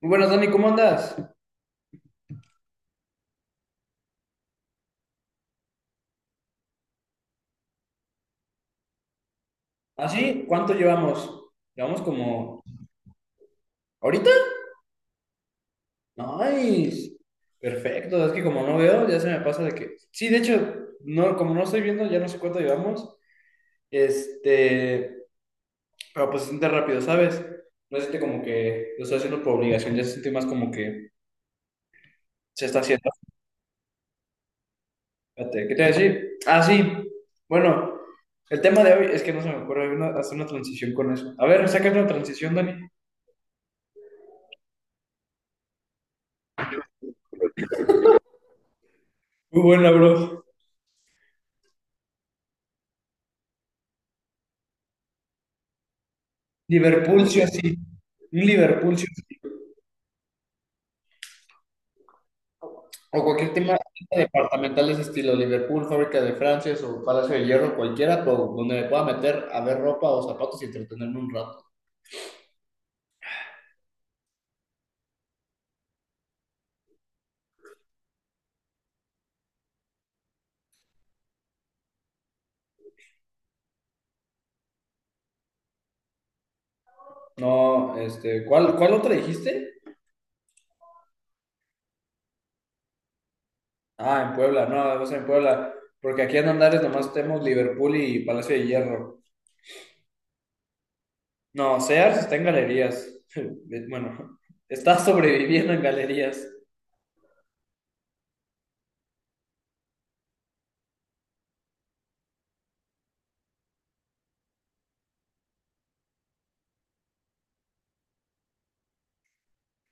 Muy buenas, Dani, ¿cómo andas? ¿Así? ¿Cuánto llevamos? Llevamos como... ¿Ahorita? Nice. Perfecto, es que como no veo, ya se me pasa de que... Sí, de hecho, no, como no estoy viendo, ya no sé cuánto llevamos. Este... Pero pues se siente rápido, ¿sabes? No se siente como que lo estoy haciendo por obligación, ya se siente más como que se está haciendo. Fíjate, ¿qué te voy a decir? Ah, sí. Bueno, el tema de hoy es que no se me ocurre hacer una transición con eso. A ver, saca una transición, Dani. Muy buena, bro. Liverpool sí o sí. Un Liverpool sí o sí. O cualquier tema departamental de ese estilo. Liverpool, Fábrica de Francia o Palacio de Hierro, cualquiera, pero donde me pueda meter a ver ropa o zapatos y entretenerme un rato. No, ¿cuál otra dijiste? Ah, en Puebla, no, o sea, en Puebla. Porque aquí en Andares nomás tenemos Liverpool y Palacio de Hierro. No, Sears está en galerías. Bueno, está sobreviviendo en galerías.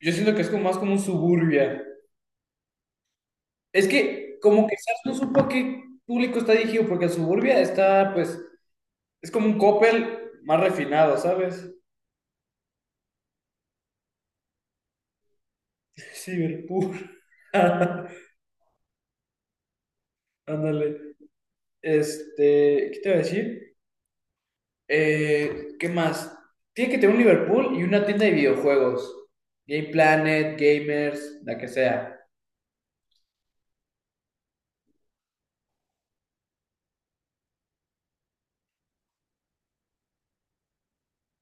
Yo siento que es como más como un suburbia. Es que como que Sars no supo a qué público está dirigido, porque Suburbia está, pues, es como un Coppel más refinado, ¿sabes? Cyberpunk. Ándale. ¿Qué te iba a decir? ¿Qué más? Tiene que tener un Liverpool y una tienda de videojuegos. Game Planet, Gamers, la que sea.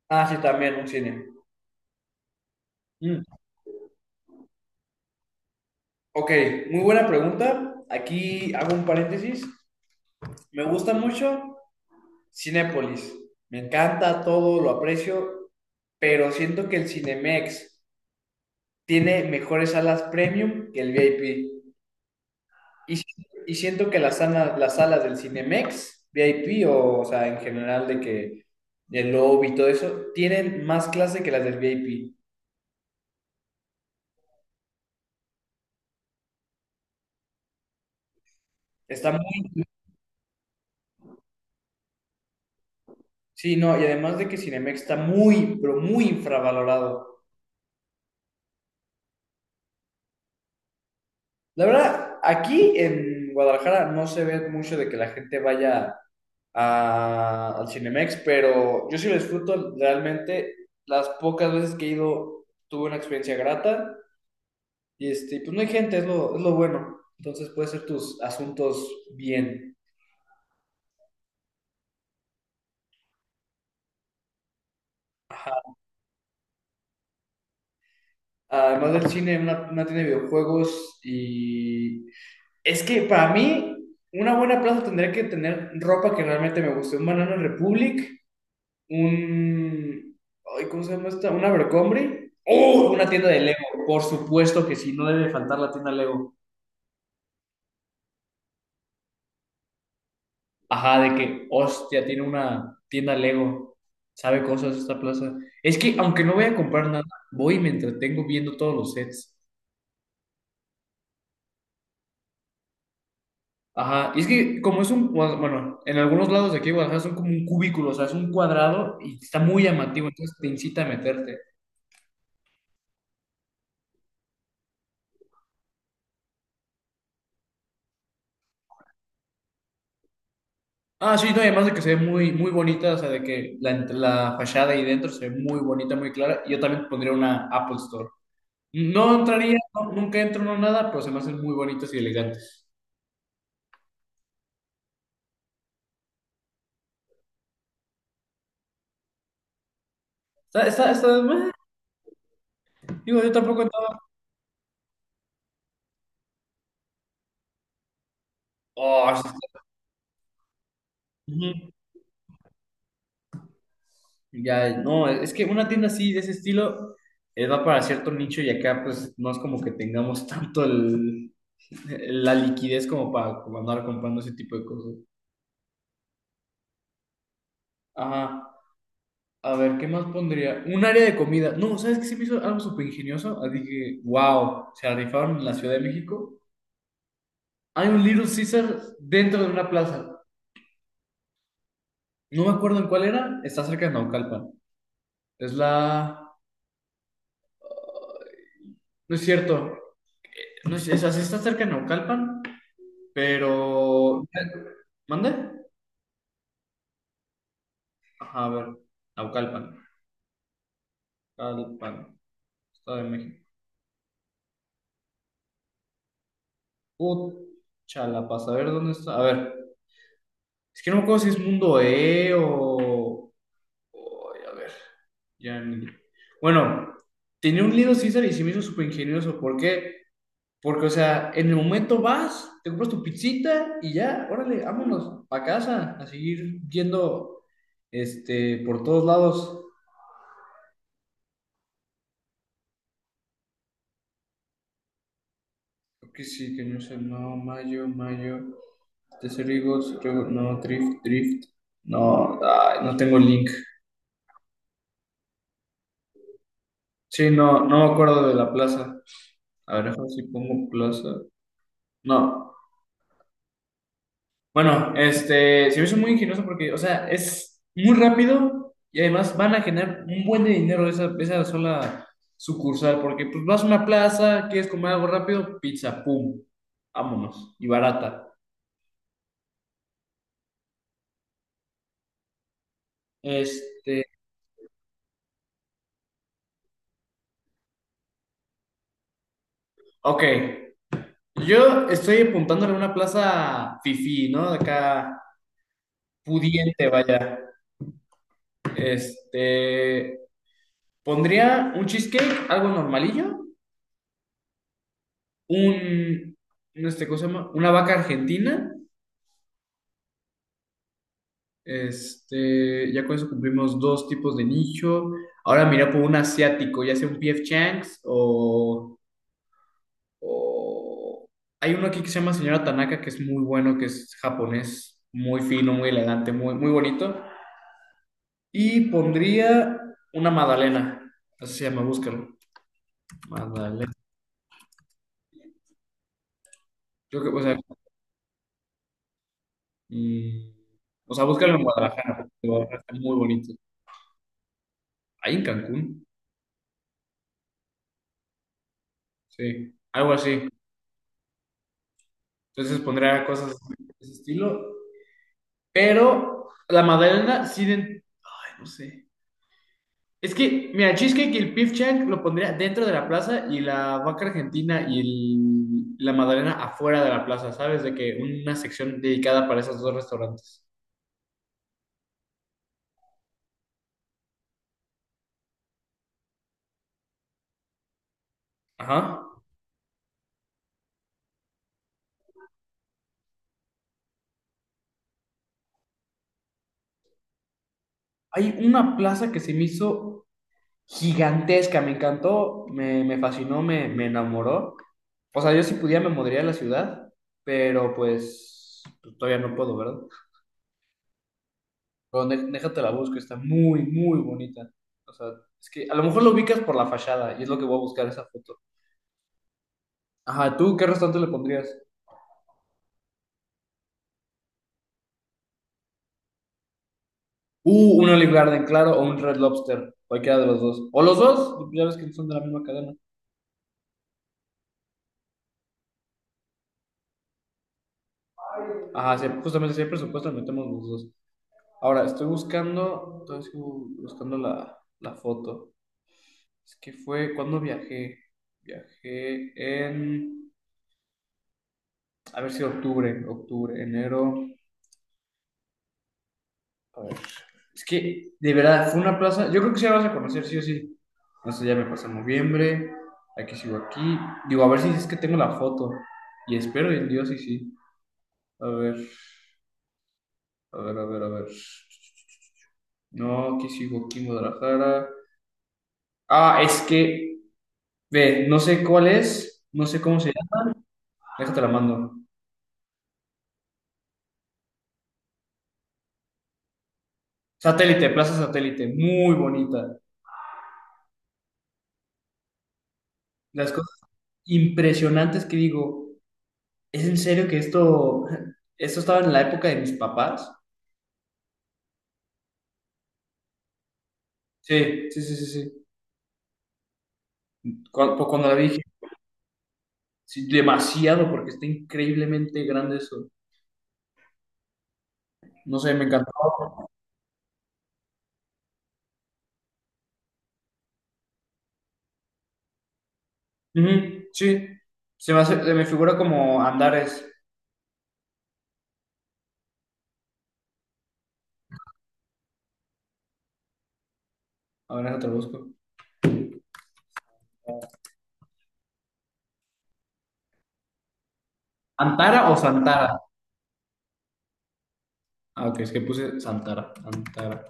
Ah, sí, también un cine. Mm. Ok, muy buena pregunta. Aquí hago un paréntesis. Me gusta mucho Cinépolis. Me encanta todo, lo aprecio, pero siento que el Cinemex tiene mejores salas premium que el VIP. Y y siento que las salas del Cinemex, VIP o sea, en general de que el lobby y todo eso, tienen más clase que las del VIP. Está muy, sí, no, y además de que Cinemex está muy, pero muy infravalorado. La verdad, aquí en Guadalajara no se ve mucho de que la gente vaya al Cinemex, pero yo sí lo disfruto realmente. Las pocas veces que he ido tuve una experiencia grata y pues no hay gente, es lo bueno. Entonces puedes hacer tus asuntos bien. Ajá. Además del cine, una tienda de videojuegos y... Es que para mí, una buena plaza tendría que tener ropa que realmente me guste. Un Banana Republic. un, ay, ¿cómo se llama esta? ¿Un Abercrombie? ¡Oh! Una tienda de Lego. Por supuesto que sí, no debe faltar la tienda Lego. Ajá, de que, hostia, tiene una tienda Lego. Sabe cosas esta plaza. Es que, aunque no voy a comprar nada, voy y me entretengo viendo todos los sets. Ajá, y es que como es bueno, en algunos lados de aquí de Guadalajara son como un cubículo, o sea, es un cuadrado y está muy llamativo, entonces te incita a meterte. Ah, sí, no, y además de que se ve muy, muy bonita, o sea, de que la fachada ahí dentro se ve muy bonita, muy clara. Yo también pondría una Apple Store. No entraría, nunca entro, no nada, pero se me hacen muy bonitas y elegantes. Está, meh. Digo, yo tampoco entraba. Oh, sí, ujú. Ya, no, es que una tienda así, de ese estilo, va para cierto nicho y acá, pues, no es como que tengamos tanto la liquidez como para como andar comprando ese tipo de cosas. Ajá. A ver, ¿qué más pondría? Un área de comida. No, ¿sabes qué se me hizo algo súper ingenioso? Así que, wow, se rifaron en la Ciudad de México. Hay un Little Caesar dentro de una plaza. No me acuerdo en cuál era. Está cerca de Naucalpan. Es la... No es cierto. No es... o sea, sí está cerca de Naucalpan, pero... ¿Mande? Ajá, a ver. Naucalpan. Naucalpan. Estado de México. Pucha, la pasa. A ver, ¿dónde está? A ver. Es que no me acuerdo si es Mundo E o... a ver. Ya, ni- Bueno, tenía un Little Caesar y se me hizo súper ingenioso. ¿Por qué? Porque, o sea, en el momento vas, te compras tu pizzita y ya, órale, vámonos a casa, a seguir yendo por todos lados. Creo que sí, que no sé, no, mayo, Tesserigos, no, Drift. No, ay, no tengo link. Sí, no, no me acuerdo de la plaza. A ver, déjame ver si pongo plaza. No. Bueno, se me hizo muy ingenioso porque, o sea, es muy rápido y además van a generar un buen de dinero esa sola sucursal, porque pues vas a una plaza, quieres comer algo rápido, pizza, pum, vámonos, y barata. Este, ok, yo estoy apuntándole a una plaza fifí, ¿no? De acá, pudiente, vaya. Este, pondría un cheesecake, algo normalillo, un, ¿cómo se llama? Una vaca argentina. Este, ya con eso cumplimos dos tipos de nicho. Ahora mira por un asiático, ya sea un PF Chang's o- hay uno aquí que se llama Señora Tanaka, que es muy bueno, que es japonés, muy fino, muy elegante, muy, muy bonito. Y pondría una Madalena, así se llama, búscalo. Madalena. Yo creo que, o sea, mm, o sea, búscalo en Guadalajara, porque Guadalajara está muy bonito. Ahí en Cancún, sí, algo así. Entonces pondría cosas de ese estilo. Pero la Magdalena sí. Ay, no sé. Es que, mira, Cheesecake y el beef Chang lo pondría dentro de la plaza y la vaca argentina y la Magdalena afuera de la plaza, ¿sabes? De que una sección dedicada para esos dos restaurantes. Ajá. Hay una plaza que se me hizo gigantesca, me encantó, me fascinó, me enamoró. O sea, yo si pudiera me mudaría a la ciudad, pero pues todavía no puedo, ¿verdad? Pero déjate la busco, está muy, muy bonita. O sea, es que a lo mejor lo ubicas por la fachada y es lo que voy a buscar esa foto. Ajá, ¿tú qué restaurante le pondrías? Un Olive Garden, claro, o un Red Lobster, cualquiera de los dos. O los dos, ya ves que son de la misma cadena. Ajá, sí, justamente si hay presupuesto, metemos los dos. Ahora, estoy buscando la, la foto. Es que fue, ¿cuándo viajé? Viajé en, a ver si octubre, enero. Es que, de verdad, fue una plaza. Yo creo que sí la vas a conocer, sí o sí. No sé, ya me pasó noviembre. Aquí sigo aquí. Digo, a ver si es que tengo la foto. Y espero en Dios y sí. A ver, a ver. No, aquí sigo aquí en Guadalajara. Ah, ve, no sé cuál es, no sé cómo se llama. Déjate la mando. Satélite, Plaza Satélite, muy bonita. Las cosas impresionantes que digo, ¿es en serio que esto estaba en la época de mis papás? Sí, sí, sí, sí, sí. Cuando, pues, cuando la vi dije, sí, demasiado, porque está increíblemente grande eso. No sé, me encantó. Ujú, sí, se me figura como Andares. A ver, te lo busco. ¿Antara o Santara? Ah, ok, es que puse Santara, Antara.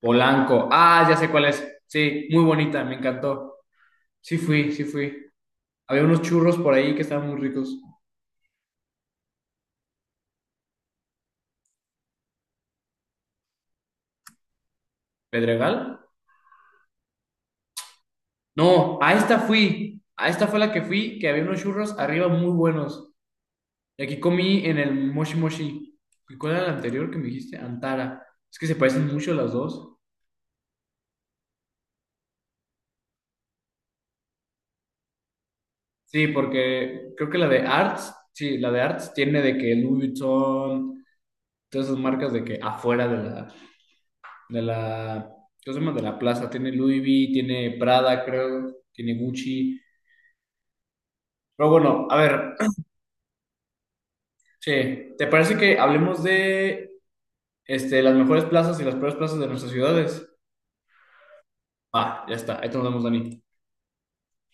Polanco. Ah, ya sé cuál es. Sí, muy bonita, me encantó. Sí fui, sí fui. Había unos churros por ahí que estaban muy ricos. ¿Pedregal? No, a esta fui. A esta fue la que fui, que había unos churros arriba muy buenos. Y aquí comí en el Moshi Moshi. ¿Y cuál era el anterior que me dijiste? Antara. Es que se parecen mucho las dos. Sí, porque creo que la de Arts, sí, la de Arts tiene de que Louis Vuitton, todas esas marcas de que afuera de de la, ¿cómo se llama? De la plaza. Tiene Louis V, tiene Prada, creo, tiene Gucci. Pero bueno, a ver, che, ¿te parece que hablemos de las mejores plazas y las peores plazas de nuestras ciudades? Ah, ya está, ahí te nos vemos, Dani.